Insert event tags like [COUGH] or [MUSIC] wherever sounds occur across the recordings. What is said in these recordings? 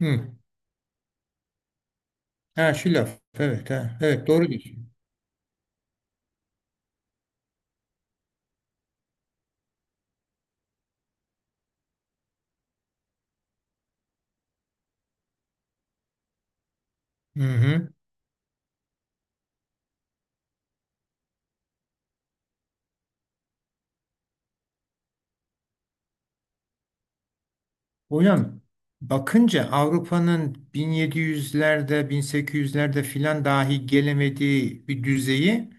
Hı. Ha şu laf. Evet ha. Evet doğru diyorsun. Hı hı. Hocam bakınca Avrupa'nın 1700'lerde 1800'lerde filan dahi gelemediği bir düzeyi.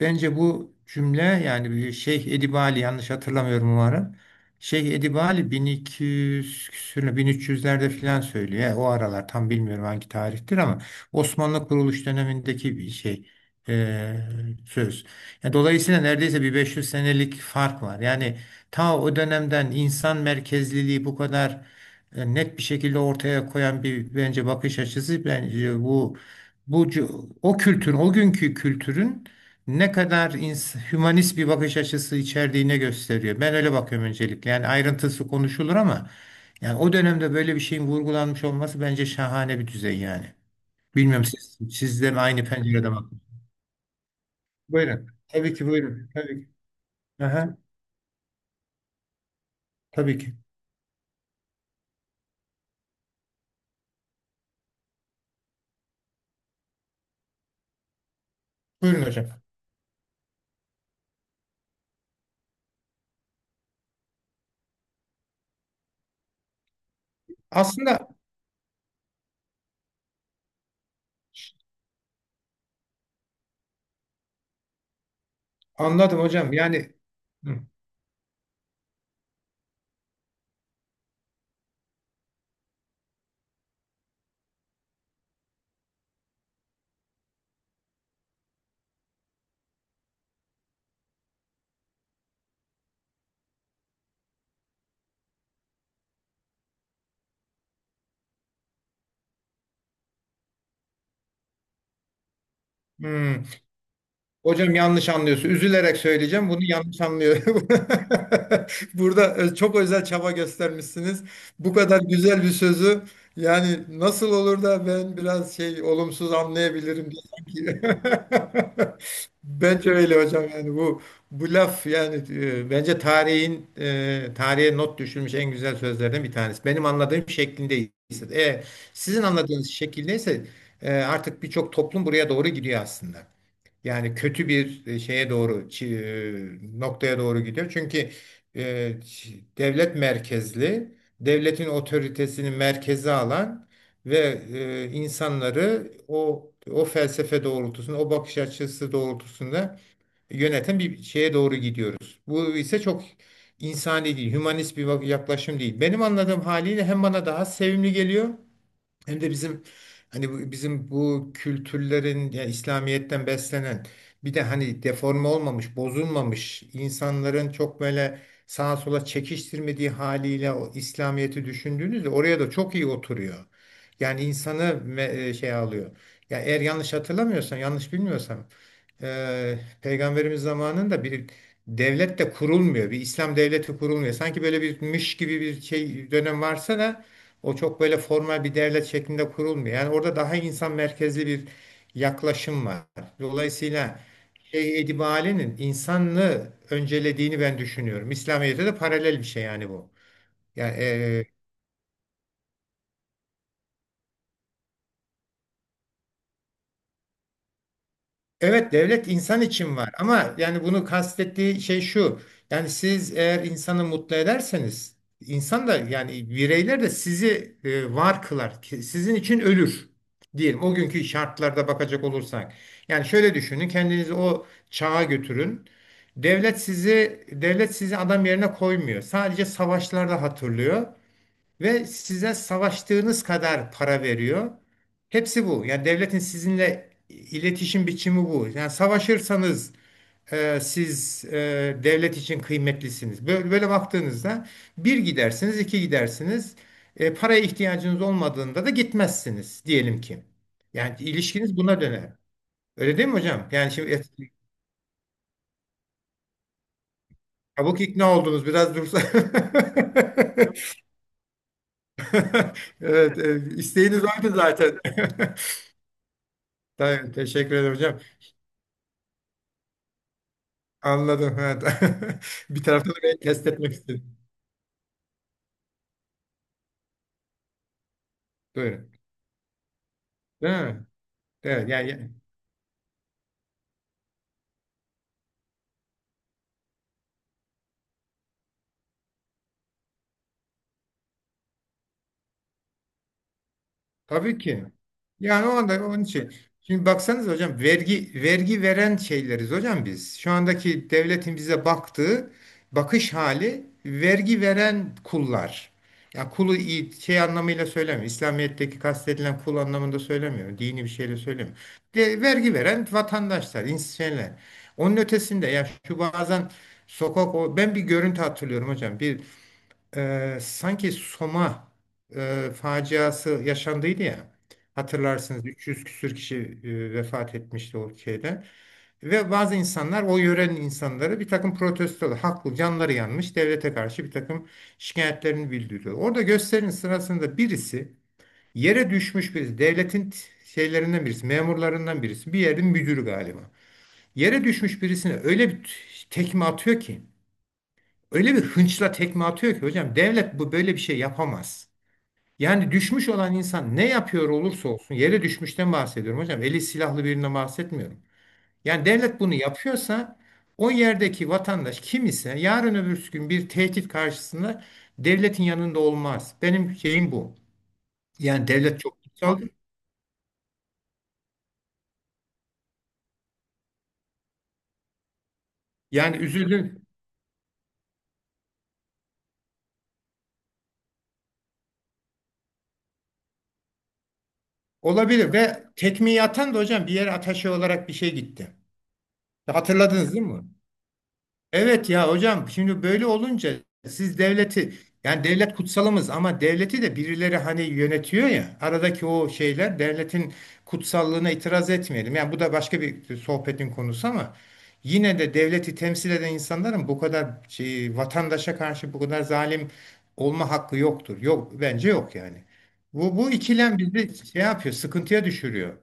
Bence bu cümle yani bir Şeyh Edip Ali, yanlış hatırlamıyorum umarım. Şeyh Edip Ali 1200 küsürlü 1300'lerde filan söylüyor. Yani o aralar tam bilmiyorum hangi tarihtir ama Osmanlı kuruluş dönemindeki bir şey, e, söz. Yani dolayısıyla neredeyse bir 500 senelik fark var. Yani ta o dönemden insan merkezliliği bu kadar net bir şekilde ortaya koyan bir, bence bakış açısı. Bence bu o kültürün, o günkü kültürün ne kadar hümanist bir bakış açısı içerdiğine gösteriyor. Ben öyle bakıyorum öncelikle. Yani ayrıntısı konuşulur ama yani o dönemde böyle bir şeyin vurgulanmış olması bence şahane bir düzey yani. Bilmiyorum siz de mi aynı pencerede bakın. Buyurun. Tabii ki buyurun. Tabii ki. Aha, tabii ki. Buyurun hocam. Aslında anladım hocam. Yani hı. Hmm. Hocam yanlış anlıyorsun. Üzülerek söyleyeceğim. Bunu yanlış anlıyor. [LAUGHS] Burada çok özel çaba göstermişsiniz. Bu kadar güzel bir sözü, yani nasıl olur da ben biraz şey olumsuz anlayabilirim diye sanki. [LAUGHS] Bence öyle hocam, yani bu laf yani, bence tarihin, tarihe not düşülmüş en güzel sözlerden bir tanesi. Benim anladığım şeklindeyse. E, Sizin anladığınız şekildeyse artık birçok toplum buraya doğru gidiyor aslında. Yani kötü bir şeye doğru, noktaya doğru gidiyor. Çünkü e, devlet merkezli, devletin otoritesini merkeze alan ve insanları o felsefe doğrultusunda, o bakış açısı doğrultusunda yöneten bir şeye doğru gidiyoruz. Bu ise çok insani değil, hümanist bir yaklaşım değil. Benim anladığım haliyle hem bana daha sevimli geliyor hem de bizim, hani bizim bu kültürlerin, ya İslamiyet'ten beslenen bir de hani deforme olmamış, bozulmamış insanların çok böyle sağa sola çekiştirmediği haliyle o İslamiyet'i düşündüğünüzde oraya da çok iyi oturuyor. Yani insanı şey alıyor. Ya eğer yanlış hatırlamıyorsam, yanlış bilmiyorsam, Peygamberimiz zamanında bir devlet de kurulmuyor. Bir İslam devleti kurulmuyor. Sanki böyle bir mış gibi bir şey dönem varsa da o çok böyle formal bir devlet şeklinde kurulmuyor. Yani orada daha insan merkezli bir yaklaşım var. Dolayısıyla şey, Edibale'nin insanlığı öncelediğini ben düşünüyorum. İslamiyet'e de paralel bir şey yani bu. Yani evet, devlet insan için var, ama yani bunu kastettiği şey şu. Yani siz eğer insanı mutlu ederseniz, insan da yani bireyler de sizi var kılar. Sizin için ölür, diyelim o günkü şartlarda bakacak olursak. Yani şöyle düşünün, kendinizi o çağa götürün. Devlet sizi adam yerine koymuyor. Sadece savaşlarda hatırlıyor ve size savaştığınız kadar para veriyor. Hepsi bu. Yani devletin sizinle iletişim biçimi bu. Yani savaşırsanız siz devlet için kıymetlisiniz. Böyle, böyle baktığınızda bir gidersiniz, iki gidersiniz. Paraya ihtiyacınız olmadığında da gitmezsiniz diyelim ki. Yani ilişkiniz buna döner. Öyle değil mi hocam? Yani şimdi çabuk ikna oldunuz. Biraz dursa. [LAUGHS] Evet, isteğiniz oydu zaten. [LAUGHS] Tamam, teşekkür ederim hocam. Anladım. Evet. [LAUGHS] Bir taraftan da beni test etmek istedim. Buyurun. Değil mi? Evet. Yani tabii ki. Yani o anda onun için. Şimdi baksanız hocam, vergi veren şeyleriz hocam biz. Şu andaki devletin bize baktığı bakış hali vergi veren kullar. Ya kulu, şey anlamıyla söylemiyorum. İslamiyet'teki kastedilen kul anlamında söylemiyorum. Dini bir şeyle söylemiyorum. Vergi veren vatandaşlar, şeyler. Onun ötesinde ya şu, bazen sokak, o, ben bir görüntü hatırlıyorum hocam. Bir sanki Soma faciası yaşandıydı ya. Hatırlarsınız 300 küsür kişi vefat etmişti o şeyden. Ve bazı insanlar, o yörenin insanları bir takım protestolar, haklı, canları yanmış, devlete karşı bir takım şikayetlerini bildiriyor. Orada gösterinin sırasında birisi yere düşmüş. Birisi, devletin şeylerinden birisi, memurlarından birisi, bir yerin müdürü galiba, yere düşmüş birisine öyle bir tekme atıyor ki, öyle bir hınçla tekme atıyor ki hocam, devlet bu böyle bir şey yapamaz. Yani düşmüş olan insan ne yapıyor olursa olsun, yere düşmüşten bahsediyorum hocam. Eli silahlı birinden bahsetmiyorum. Yani devlet bunu yapıyorsa, o yerdeki vatandaş kim ise yarın öbür gün bir tehdit karşısında devletin yanında olmaz. Benim şeyim bu. Yani devlet çok kutsal. Yani üzüldüm. Olabilir, ve tekmeyi atan da hocam bir yere ataşe olarak bir şey gitti. Hatırladınız değil mi? Evet ya hocam, şimdi böyle olunca siz devleti, yani devlet kutsalımız ama devleti de birileri hani yönetiyor ya, aradaki o şeyler devletin kutsallığına itiraz etmeyelim. Yani bu da başka bir sohbetin konusu, ama yine de devleti temsil eden insanların bu kadar şey, vatandaşa karşı bu kadar zalim olma hakkı yoktur. Yok, bence yok yani. Bu ikilem bizi şey yapıyor, sıkıntıya düşürüyor.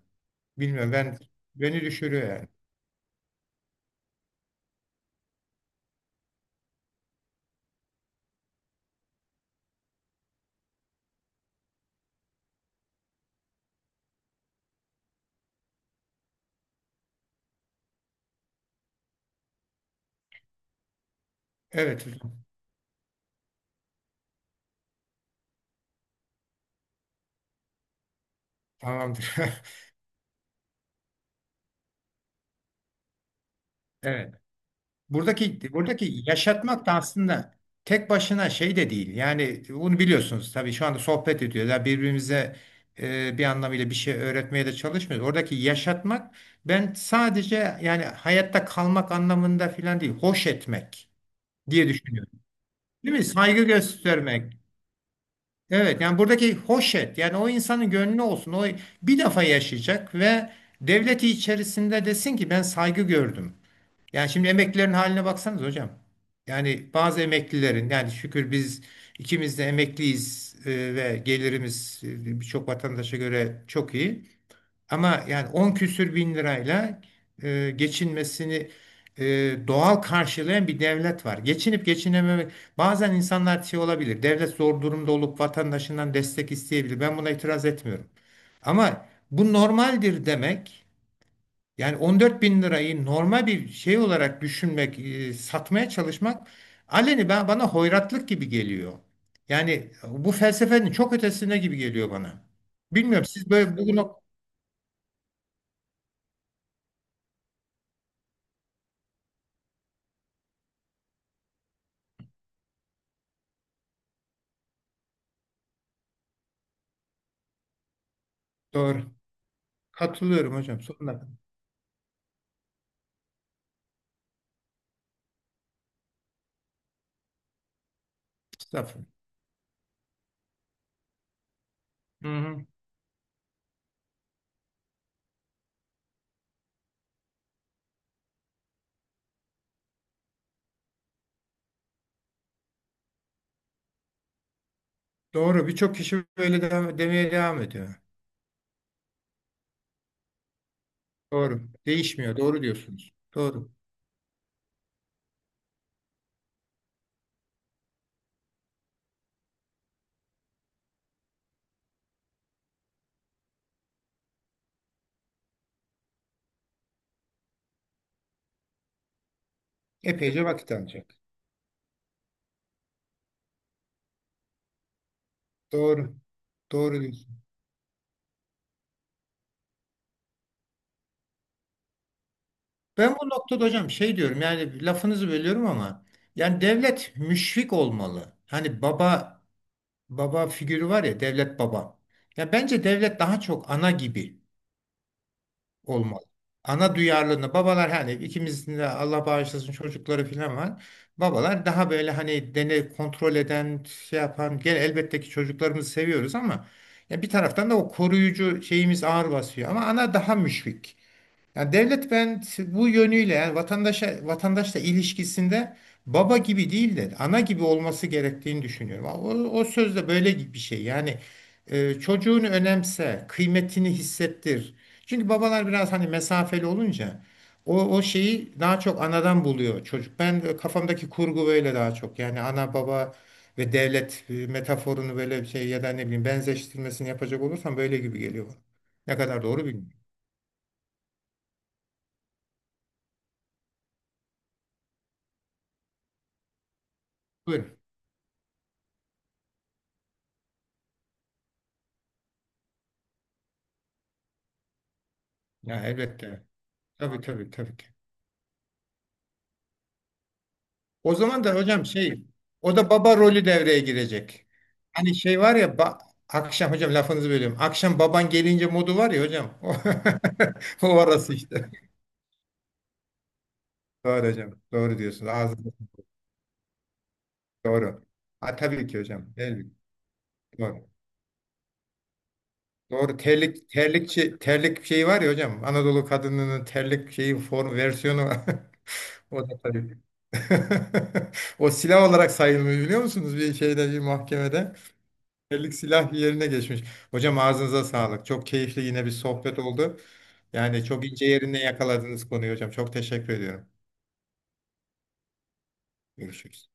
Bilmiyorum, beni düşürüyor yani. Evet hocam, tamamdır. [LAUGHS] Evet. Buradaki yaşatmak da aslında tek başına şey de değil. Yani bunu biliyorsunuz tabii, şu anda sohbet ediyorlar. Birbirimize bir anlamıyla bir şey öğretmeye de çalışmıyoruz. Oradaki yaşatmak, ben sadece yani hayatta kalmak anlamında filan değil. Hoş etmek diye düşünüyorum. Değil mi? Saygı göstermek. Evet yani buradaki hoş et, yani o insanın gönlü olsun. O bir defa yaşayacak ve devleti içerisinde desin ki ben saygı gördüm. Yani şimdi emeklilerin haline baksanız hocam. Yani bazı emeklilerin, yani şükür biz ikimiz de emekliyiz ve gelirimiz birçok vatandaşa göre çok iyi. Ama yani 10 küsür bin lirayla geçinmesini e, doğal karşılayan bir devlet var. Geçinip geçinememek, bazen insanlar şey olabilir. Devlet zor durumda olup vatandaşından destek isteyebilir. Ben buna itiraz etmiyorum. Ama bu normaldir demek. Yani 14 bin lirayı normal bir şey olarak düşünmek, satmaya çalışmak aleni, bana hoyratlık gibi geliyor. Yani bu felsefenin çok ötesine gibi geliyor bana. Bilmiyorum siz böyle bugün. Doğru, katılıyorum hocam sonuna kadar. Estağfurullah. Hı hı. Doğru, birçok kişi böyle demeye devam ediyor. Doğru. Değişmiyor. Doğru diyorsunuz. Doğru. Epeyce vakit alacak. Doğru. Doğru diyorsunuz. Ben bu noktada hocam şey diyorum, yani lafınızı bölüyorum ama yani devlet müşfik olmalı. Hani baba figürü var ya, devlet baba. Ya bence devlet daha çok ana gibi olmalı. Ana duyarlılığını, babalar hani, ikimizin de Allah bağışlasın çocukları falan var. Babalar daha böyle hani dene kontrol eden şey yapan gel, elbette ki çocuklarımızı seviyoruz ama ya bir taraftan da o koruyucu şeyimiz ağır basıyor, ama ana daha müşfik. Yani devlet, ben bu yönüyle yani vatandaşla ilişkisinde baba gibi değil de ana gibi olması gerektiğini düşünüyorum. O söz de böyle bir şey. Yani çocuğunu önemse, kıymetini hissettir. Çünkü babalar biraz hani mesafeli olunca, o şeyi daha çok anadan buluyor çocuk. Ben kafamdaki kurgu böyle daha çok. Yani ana baba ve devlet metaforunu böyle bir şey, ya da ne bileyim, benzeştirmesini yapacak olursam böyle gibi geliyor bana. Ne kadar doğru bilmiyorum. Buyurun. Ya elbette. Tabii tabii tabii ki. O zaman da hocam şey, o da baba rolü devreye girecek. Hani şey var ya, akşam hocam lafınızı bölüyorum. Akşam baban gelince modu var ya hocam. [LAUGHS] O orası işte. Doğru hocam. Doğru diyorsunuz. Ağzınız. [LAUGHS] Doğru. Ha, tabii ki hocam. Elbette. Doğru. Doğru. Terlik şeyi var ya hocam. Anadolu kadınının terlik şeyi form versiyonu [LAUGHS] var. O da tabii. [LAUGHS] O silah olarak sayılmıyor, biliyor musunuz, bir şeyde, bir mahkemede? Ellik silah yerine geçmiş. Hocam ağzınıza sağlık. Çok keyifli yine bir sohbet oldu. Yani çok ince yerine yakaladınız konuyu hocam. Çok teşekkür ediyorum. Görüşürüz.